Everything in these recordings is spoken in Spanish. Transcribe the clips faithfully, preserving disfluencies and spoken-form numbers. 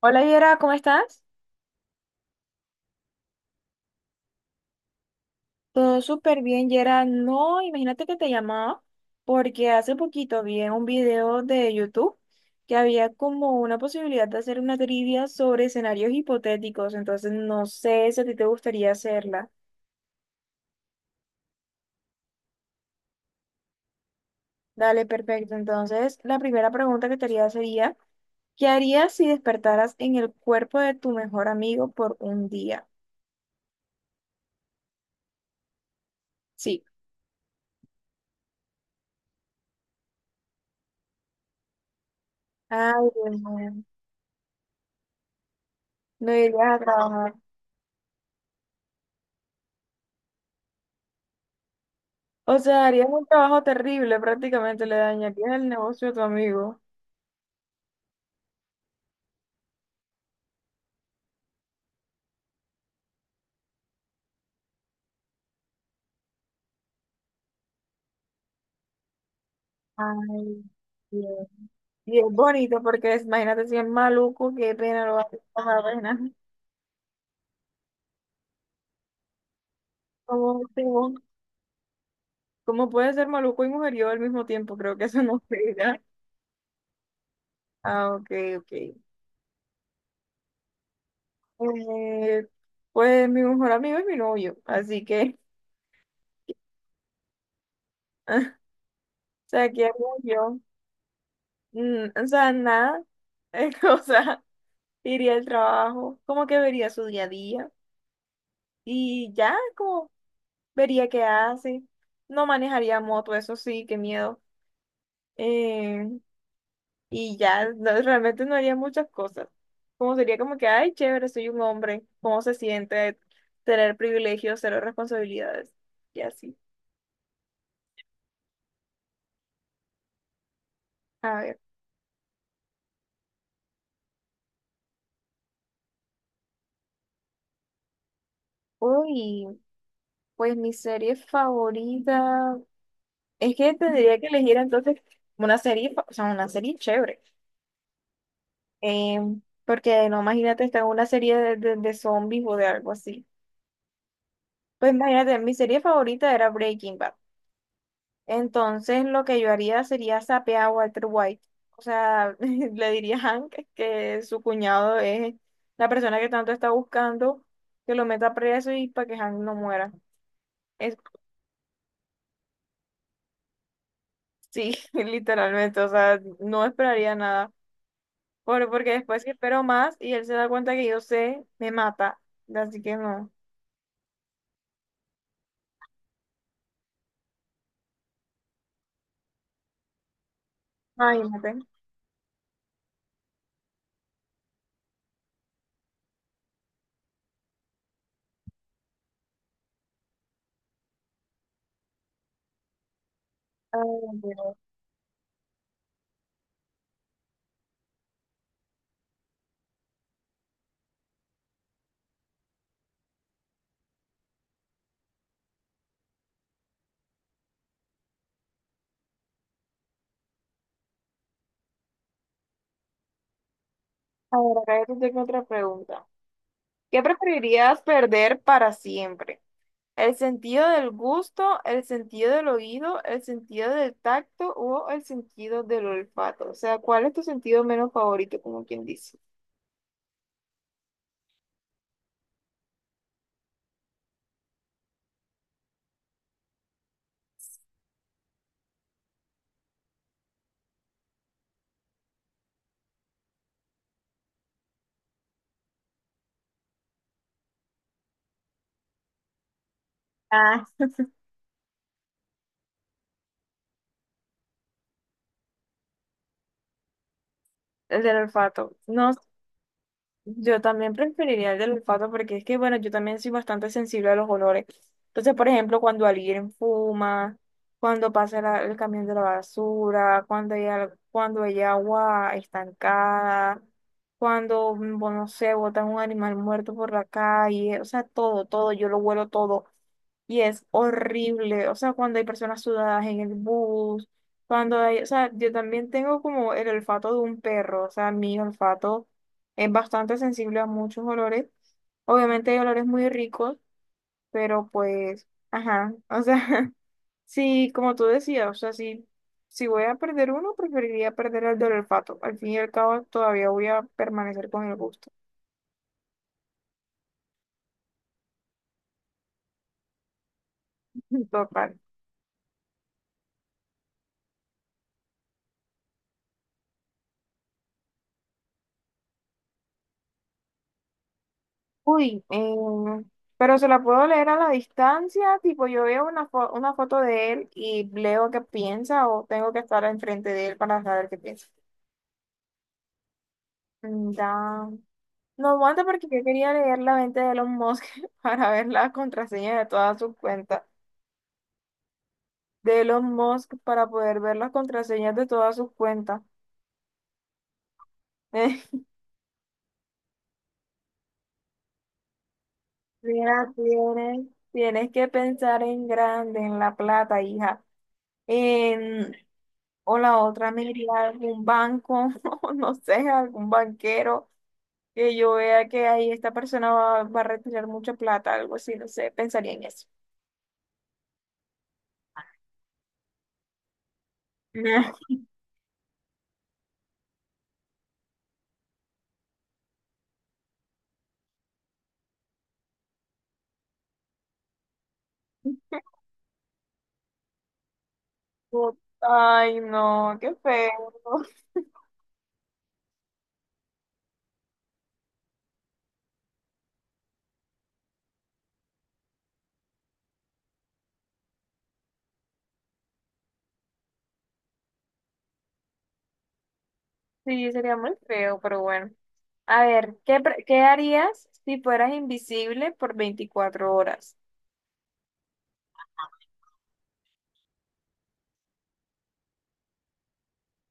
Hola Yera, ¿cómo estás? Todo súper bien, Yera. No, imagínate que te llamaba porque hace poquito vi en un video de YouTube que había como una posibilidad de hacer una trivia sobre escenarios hipotéticos, entonces no sé si a ti te gustaría hacerla. Dale, perfecto. Entonces, la primera pregunta que te haría sería, ¿qué harías si despertaras en el cuerpo de tu mejor amigo por un día? Sí. Ay, Dios mío. No irías a trabajar. O sea, harías un trabajo terrible, prácticamente le dañarías el negocio a tu amigo. Ay, Dios. Y es bonito porque es- imagínate si es maluco, qué pena lo va a pasar, pena. ¿Cómo, cómo, cómo puede ser maluco y mujeriego al mismo tiempo? Creo que eso no se dirá. Ah, ok, ok. Eh, pues mi mejor amigo es mi novio, así que, o sea, ¿qué haría yo? Mm, o sea, nada, o sea, iría al trabajo, como que vería su día a día y ya, como vería qué hace. No manejaría moto, eso sí, qué miedo. Eh, y ya, no- realmente no haría muchas cosas. Como sería como que, ay, chévere, soy un hombre. ¿Cómo se siente tener privilegios, cero responsabilidades? Y así. A ver. Uy, pues mi serie favorita. Es que tendría que elegir entonces una serie, fa- o sea, una serie chévere. Em, porque no, imagínate estar en una serie de de- de zombies o de algo así. Pues imagínate, mi serie favorita era Breaking Bad. Entonces, lo que yo haría sería sapear a Walter White. O sea, le diría a Hank que su cuñado es la persona que tanto está buscando, que lo meta preso y para que Hank no muera. Es, sí, literalmente. O sea, no esperaría nada. Por, porque después que espero más y él se da cuenta que yo sé, me mata. Así que no. Imagínate. Ay, Dios. A ver, acá yo te tengo otra pregunta. ¿Qué preferirías perder para siempre? El sentido del gusto, el sentido del oído, el sentido del tacto o el sentido del olfato. O sea, ¿cuál es tu sentido menos favorito, como quien dice? Ah, el del olfato. No. Yo también preferiría el del olfato porque es que, bueno, yo también soy bastante sensible a los olores. Entonces, por ejemplo, cuando alguien fuma, cuando pasa la- el camión de la basura, cuando hay, al- cuando hay agua estancada, cuando, mm, bueno, no sé, botan un animal muerto por la calle, o sea, todo, todo, yo lo huelo todo. Y es horrible, o sea, cuando hay personas sudadas en el bus, cuando hay, o sea, yo también tengo como el olfato de un perro, o sea, mi olfato es bastante sensible a muchos olores. Obviamente hay olores muy ricos, pero pues, ajá, o sea, sí, como tú decías, o sea, sí, si voy a perder uno, preferiría perder el del olfato. Al fin y al cabo, todavía voy a permanecer con el gusto. Total. Uy, em, pero se la puedo leer a la distancia, tipo yo veo una, fo- una foto de él y leo qué piensa o tengo que estar enfrente de él para saber qué piensa. Mm, Da. No aguanta porque yo quería leer la mente de Elon Musk para ver las contraseñas de todas sus cuentas. De Elon Musk para poder ver las contraseñas de todas sus cuentas. Mira, tienes, tienes que pensar en grande, en la plata, hija. En O la otra me iría a algún banco, o no sé, a algún banquero, que yo vea que ahí esta persona va, va a retirar mucha plata, algo así, no sé, pensaría en eso. Ut- Ay, no, qué feo. Sí, sería muy feo, pero bueno. A ver, ¿qué, pre- qué harías si fueras invisible por veinticuatro horas?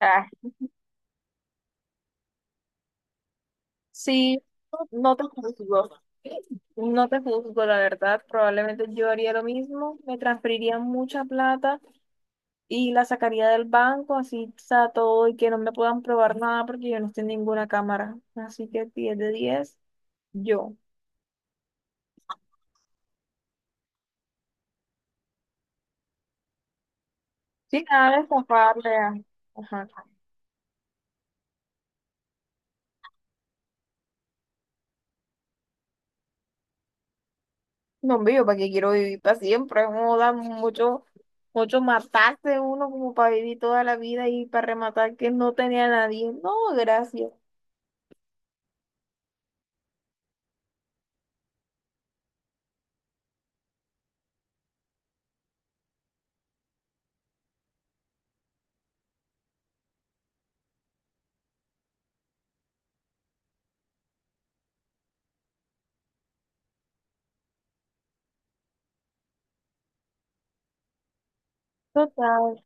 Ah, sí, no te juzgo. No te juzgo, la verdad. Probablemente yo haría lo mismo. Me transferiría mucha plata y la sacaría del banco, así está todo y que no me puedan probar nada porque yo no estoy en ninguna cámara. Así que diez de diez yo. Sí, nada de escaparle a- Ajá. No, hombre, yo para qué quiero vivir para siempre. No da mucho, mucho matarse uno como para vivir toda la vida y para rematar que no tenía a nadie. No, gracias. Total.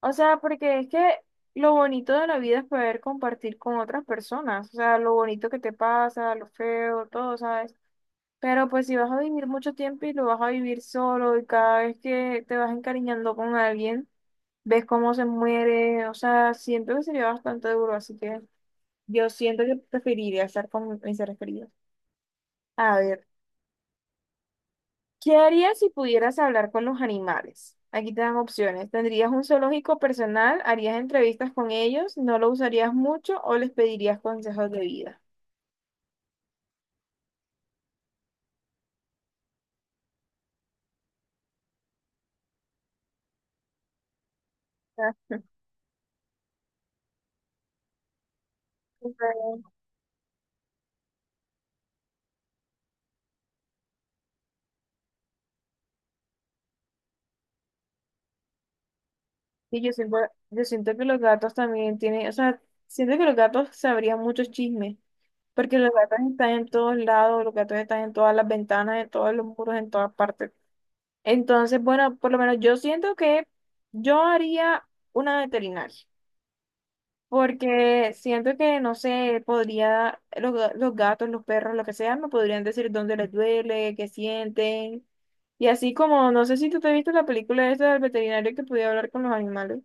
O sea, porque es que lo bonito de la vida es poder compartir con otras personas. O sea, lo bonito que te pasa, lo feo, todo, ¿sabes? Pero pues si vas a vivir mucho tiempo y lo vas a vivir solo y cada vez que te vas encariñando con alguien, ves cómo se muere, o sea, siento que sería bastante duro, así que yo siento que preferiría estar con mis seres queridos. A ver, ¿qué harías si pudieras hablar con los animales? Aquí te dan opciones. ¿Tendrías un zoológico personal? ¿Harías entrevistas con ellos? ¿No lo usarías mucho o les pedirías consejos de vida? Y yo siento, yo siento que los gatos también tienen, o sea, siento que los gatos sabrían muchos chismes, porque los gatos están en todos lados, los gatos están en todas las ventanas, en todos los muros, en todas partes. Entonces, bueno, por lo menos yo siento que yo haría una veterinaria, porque siento que, no sé, podría, los, ga- los gatos, los perros, lo que sea, me podrían decir dónde les duele, qué sienten. Y así como, no sé si tú te viste la película esta del veterinario que podía hablar con los animales.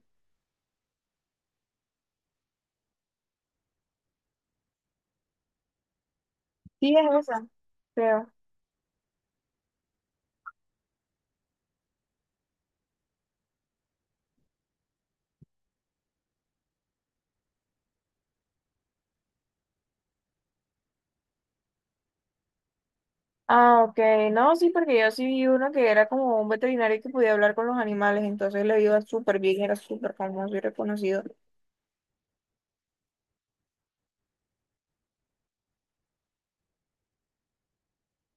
Sí, es esa, creo. Ah, ok. No, sí, porque yo sí vi uno que era como un veterinario que podía hablar con los animales, entonces le iba súper bien, era súper famoso y reconocido.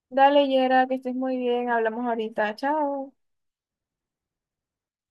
Dale, Yera, que estés muy bien, hablamos ahorita, chao.